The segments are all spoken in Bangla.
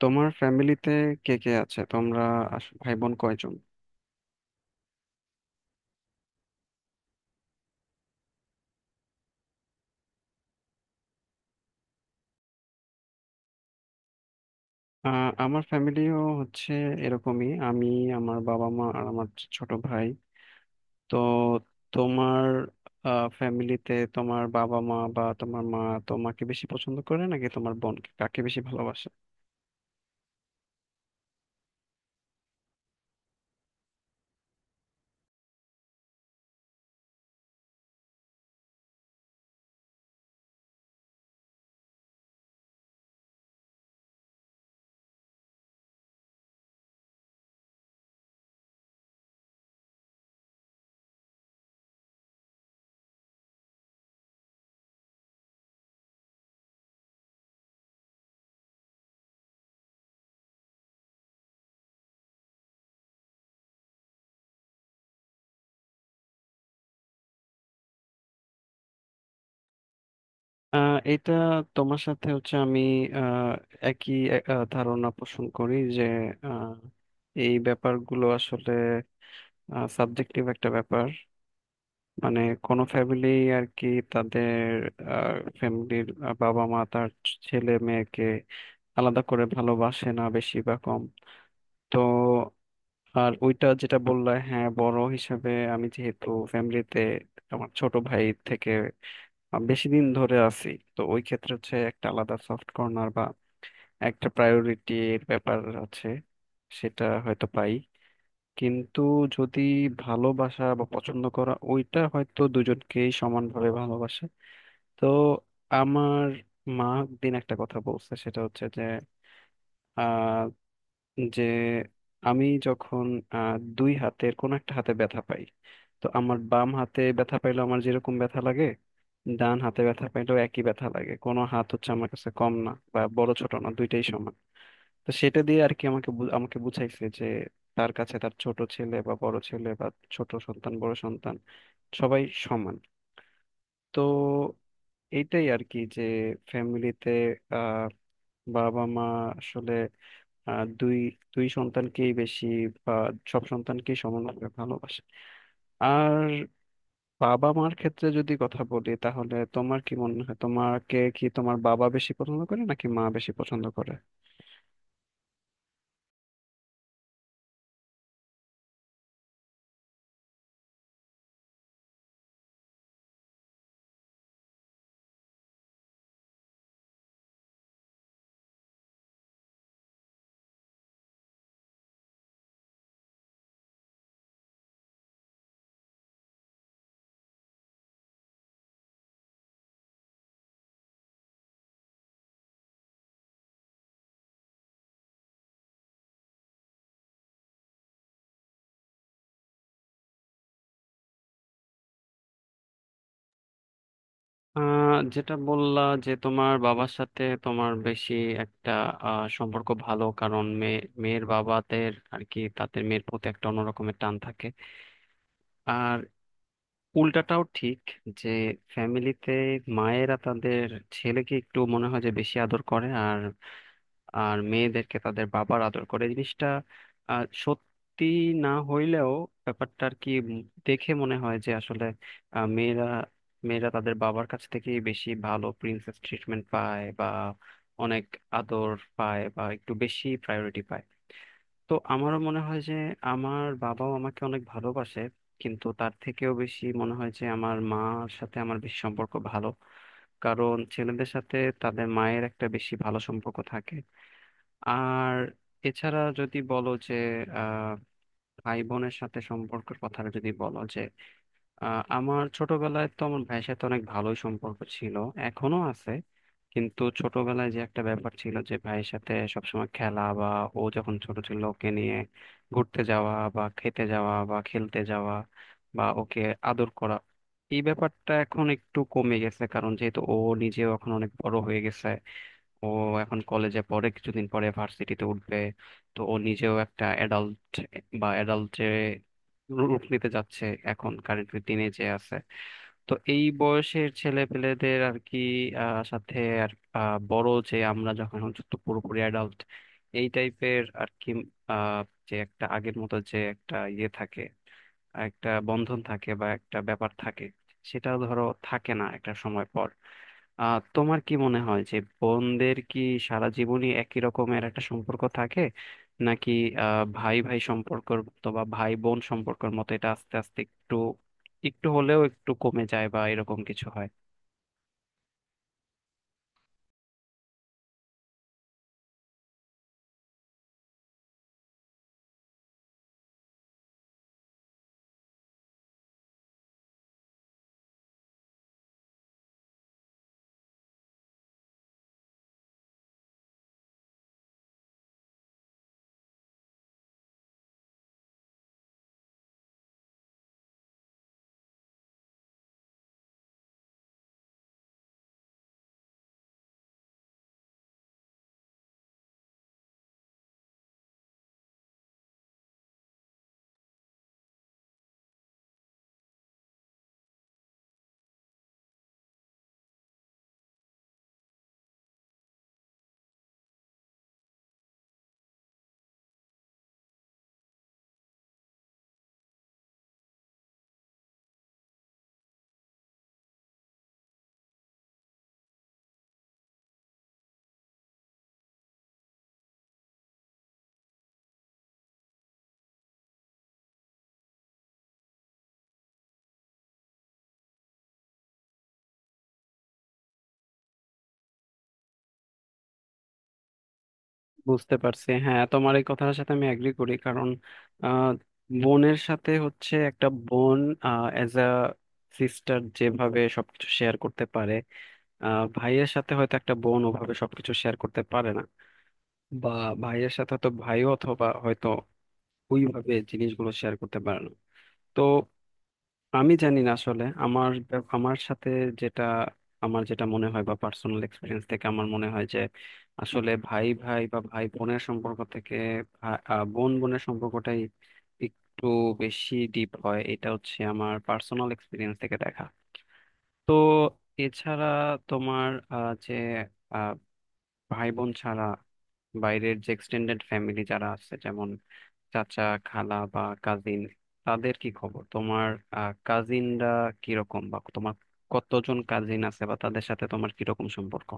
তোমার ফ্যামিলিতে কে কে আছে? তোমরা ভাই বোন কয়জন? আমার ফ্যামিলিও হচ্ছে এরকমই। আমি, আমার বাবা মা আর আমার ছোট ভাই। তো তোমার ফ্যামিলিতে তোমার বাবা মা, বা তোমার মা তোমাকে বেশি পছন্দ করে নাকি তোমার বোনকে? কাকে বেশি ভালোবাসে? এটা, তোমার সাথে হচ্ছে আমি আহ, একই ধারণা পোষণ করি যে আহ, এই ব্যাপারগুলো আসলে সাবজেক্টিভ একটা ব্যাপার। মানে কোনো ফ্যামিলি আর কি, তাদের ফ্যামিলির বাবা মা তার ছেলে মেয়েকে আলাদা করে ভালোবাসে না, বেশি বা কম। তো আর ওইটা যেটা বললে, হ্যাঁ, বড় হিসাবে আমি যেহেতু ফ্যামিলিতে আমার ছোট ভাই থেকে বেশি দিন ধরে আছি, তো ওই ক্ষেত্রে হচ্ছে একটা আলাদা সফট কর্নার বা একটা প্রায়োরিটির ব্যাপার আছে, সেটা হয়তো পাই। কিন্তু যদি ভালোবাসা বা পছন্দ করা, ওইটা হয়তো দুজনকেই সমানভাবে ভালোবাসে। তো আমার মা দিন একটা কথা বলছে, সেটা হচ্ছে যে আহ যে আমি যখন দুই হাতের কোন একটা হাতে ব্যথা পাই, তো আমার বাম হাতে ব্যথা পাইলেও আমার যেরকম ব্যথা লাগে, ডান হাতে ব্যথা পাইলেও একই ব্যথা লাগে। কোনো হাত হচ্ছে আমার কাছে কম না বা বড় ছোট না, দুইটাই সমান। তো সেটা দিয়ে আর কি আমাকে আমাকে বুঝাইছে যে তার কাছে তার ছোট ছেলে বা বড় ছেলে বা ছোট সন্তান বড় সন্তান সবাই সমান। তো এইটাই আর কি, যে ফ্যামিলিতে আহ বাবা মা আসলে আহ, দুই দুই সন্তানকেই বেশি বা সব সন্তানকেই সমানভাবে ভালোবাসে। আর বাবা মার ক্ষেত্রে যদি কথা বলি, তাহলে তোমার কি মনে হয়, তোমাকে কি তোমার বাবা বেশি পছন্দ করে নাকি মা বেশি পছন্দ করে? যেটা বললা যে তোমার বাবার সাথে তোমার বেশি একটা সম্পর্ক ভালো, কারণ মেয়ে, মেয়ের বাবাদের আর কি তাদের মেয়ের প্রতি একটা অন্যরকমের টান থাকে। আর উল্টাটাও ঠিক, যে ফ্যামিলিতে মায়েরা তাদের ছেলেকে একটু মনে হয় যে বেশি আদর করে, আর আর মেয়েদেরকে তাদের বাবার আদর করে। এই জিনিসটা সত্যি না হইলেও ব্যাপারটা আর কি দেখে মনে হয় যে আসলে আহ, মেয়েরা মেয়েরা তাদের বাবার কাছ থেকে বেশি ভালো প্রিন্সেস ট্রিটমেন্ট পায়, বা অনেক আদর পায়, বা একটু বেশি প্রায়োরিটি পায়। তো আমারও মনে হয় যে আমার বাবাও আমাকে অনেক ভালোবাসে, কিন্তু তার থেকেও বেশি মনে হয় যে আমার মার সাথে আমার বেশি সম্পর্ক ভালো, কারণ ছেলেদের সাথে তাদের মায়ের একটা বেশি ভালো সম্পর্ক থাকে। আর এছাড়া যদি বলো যে আহ ভাই বোনের সাথে সম্পর্কের কথাটা যদি বলো, যে আমার ছোটবেলায় তো আমার ভাইয়ের সাথে অনেক ভালোই সম্পর্ক ছিল, এখনো আছে। কিন্তু ছোটবেলায় যে একটা ব্যাপার ছিল যে ভাইয়ের সাথে সবসময় খেলা, বা ও যখন ছোট ছিল ওকে নিয়ে ঘুরতে যাওয়া বা খেতে যাওয়া বা খেলতে যাওয়া বা ওকে আদর করা, এই ব্যাপারটা এখন একটু কমে গেছে, কারণ যেহেতু ও নিজেও এখন অনেক বড় হয়ে গেছে। ও এখন কলেজে পড়ে, কিছুদিন পরে ভার্সিটিতে উঠবে। তো ও নিজেও একটা অ্যাডাল্ট বা অ্যাডাল্ট যে রূপ নিতে যাচ্ছে এখন কারেন্টলি দিনে যে আছে। তো এই বয়সের ছেলে পেলেদের আর কি সাথে আর বড় যে আমরা যখন হচ্ছে তো পুরোপুরি অ্যাডাল্ট এই টাইপের আর কি, আহ, যে একটা আগের মতো যে একটা ইয়ে থাকে, একটা বন্ধন থাকে বা একটা ব্যাপার থাকে, সেটা ধরো থাকে না একটা সময় পর। তোমার কি মনে হয় যে বোনদের কি সারা জীবনই একই রকমের একটা সম্পর্ক থাকে, নাকি ভাই ভাই সম্পর্ক অথবা ভাই বোন সম্পর্কের মতো এটা আস্তে আস্তে একটু একটু হলেও একটু কমে যায় বা এরকম কিছু হয়? বুঝতে পারছি। হ্যাঁ, তোমার এই কথার সাথে আমি এগ্রি করি, কারণ আহ বোনের সাথে হচ্ছে একটা বোন এজ আ সিস্টার যেভাবে সবকিছু শেয়ার করতে পারে, ভাইয়ের সাথে হয়তো একটা বোন ওভাবে সবকিছু শেয়ার করতে পারে না। বা ভাইয়ের সাথে তো ভাই অথবা হয়তো ওইভাবে জিনিসগুলো শেয়ার করতে পারে না। তো আমি জানি না আসলে আমার আমার সাথে যেটা আমার যেটা মনে হয় বা পার্সোনাল এক্সপিরিয়েন্স থেকে আমার মনে হয় যে আসলে ভাই ভাই বা ভাই বোনের সম্পর্ক থেকে বোন বোনের সম্পর্কটাই একটু বেশি ডিপ হয়। এটা হচ্ছে আমার পার্সোনাল এক্সপিরিয়েন্স থেকে দেখা। তো এছাড়া তোমার আহ, ভাই বোন ছাড়া বাইরের যে এক্সটেন্ডেড ফ্যামিলি যারা আছে, যেমন চাচা খালা বা কাজিন, তাদের কি খবর? তোমার কাজিনরা কিরকম, বা তোমার কতজন কাজিন আছে, বা তাদের সাথে তোমার কিরকম সম্পর্ক?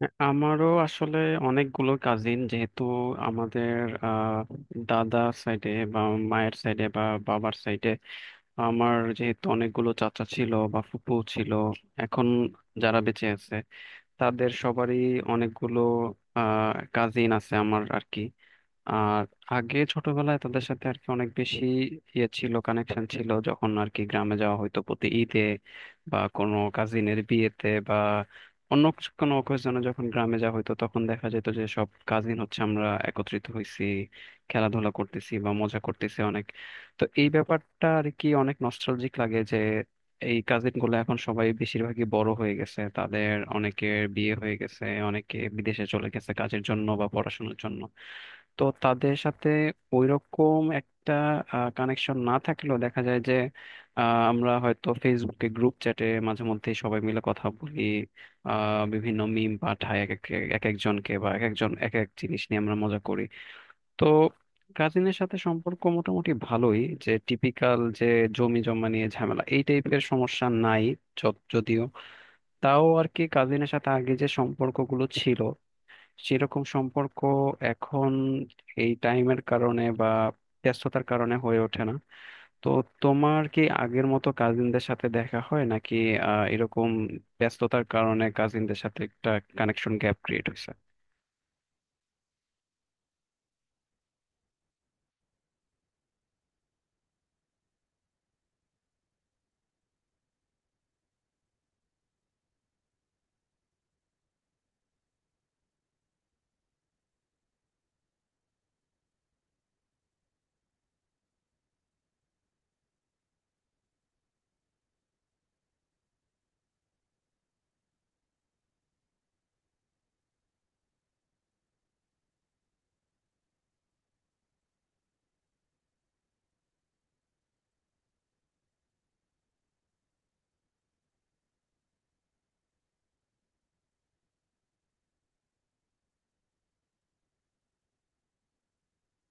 হ্যাঁ, আমারও আসলে অনেকগুলো কাজিন, যেহেতু আমাদের আহ দাদা সাইডে বা মায়ের সাইডে বা বাবার সাইডে, আমার যেহেতু অনেকগুলো চাচা ছিল বা ফুপু ছিল, এখন যারা বেঁচে আছে তাদের সবারই অনেকগুলো কাজিন আছে আমার আর কি। আর আগে ছোটবেলায় তাদের সাথে আর কি অনেক বেশি ইয়ে ছিল, কানেকশন ছিল, যখন আর কি গ্রামে যাওয়া, হয়তো প্রতি ঈদে বা কোনো কাজিনের বিয়েতে বা কোনো অকেশনে যখন গ্রামে যাওয়া হতো, তখন দেখা যেত যে সব কাজিন হচ্ছে আমরা একত্রিত হয়েছি, খেলাধুলা করতেছি বা মজা করতেছি অনেক। তো এই ব্যাপারটা আর কি অনেক নস্টালজিক লাগে যে এই কাজিন গুলো এখন সবাই বেশিরভাগই বড় হয়ে গেছে, তাদের অনেকের বিয়ে হয়ে গেছে, অনেকে বিদেশে চলে গেছে কাজের জন্য বা পড়াশোনার জন্য। তো তাদের সাথে ওইরকম একটা কানেকশন না থাকলেও দেখা যায় যে আমরা হয়তো ফেসবুকে গ্রুপ চ্যাটে মাঝে মধ্যে সবাই মিলে কথা বলি, বিভিন্ন মিম পাঠায় এক এক এক একজনকে বা এক একজন এক এক জিনিস নিয়ে আমরা মজা করি। তো কাজিনের সাথে সম্পর্ক মোটামুটি ভালোই। যে টিপিক্যাল যে জমি জমা নিয়ে ঝামেলা এই টাইপের সমস্যা নাই যদিও। তাও আর কি কাজিনের সাথে আগে যে সম্পর্কগুলো ছিল সেরকম সম্পর্ক এখন এই টাইমের কারণে বা ব্যস্ততার কারণে হয়ে ওঠে না। তো তোমার কি আগের মতো কাজিনদের সাথে দেখা হয়, নাকি এরকম ব্যস্ততার কারণে কাজিনদের সাথে একটা কানেকশন গ্যাপ ক্রিয়েট হয়েছে?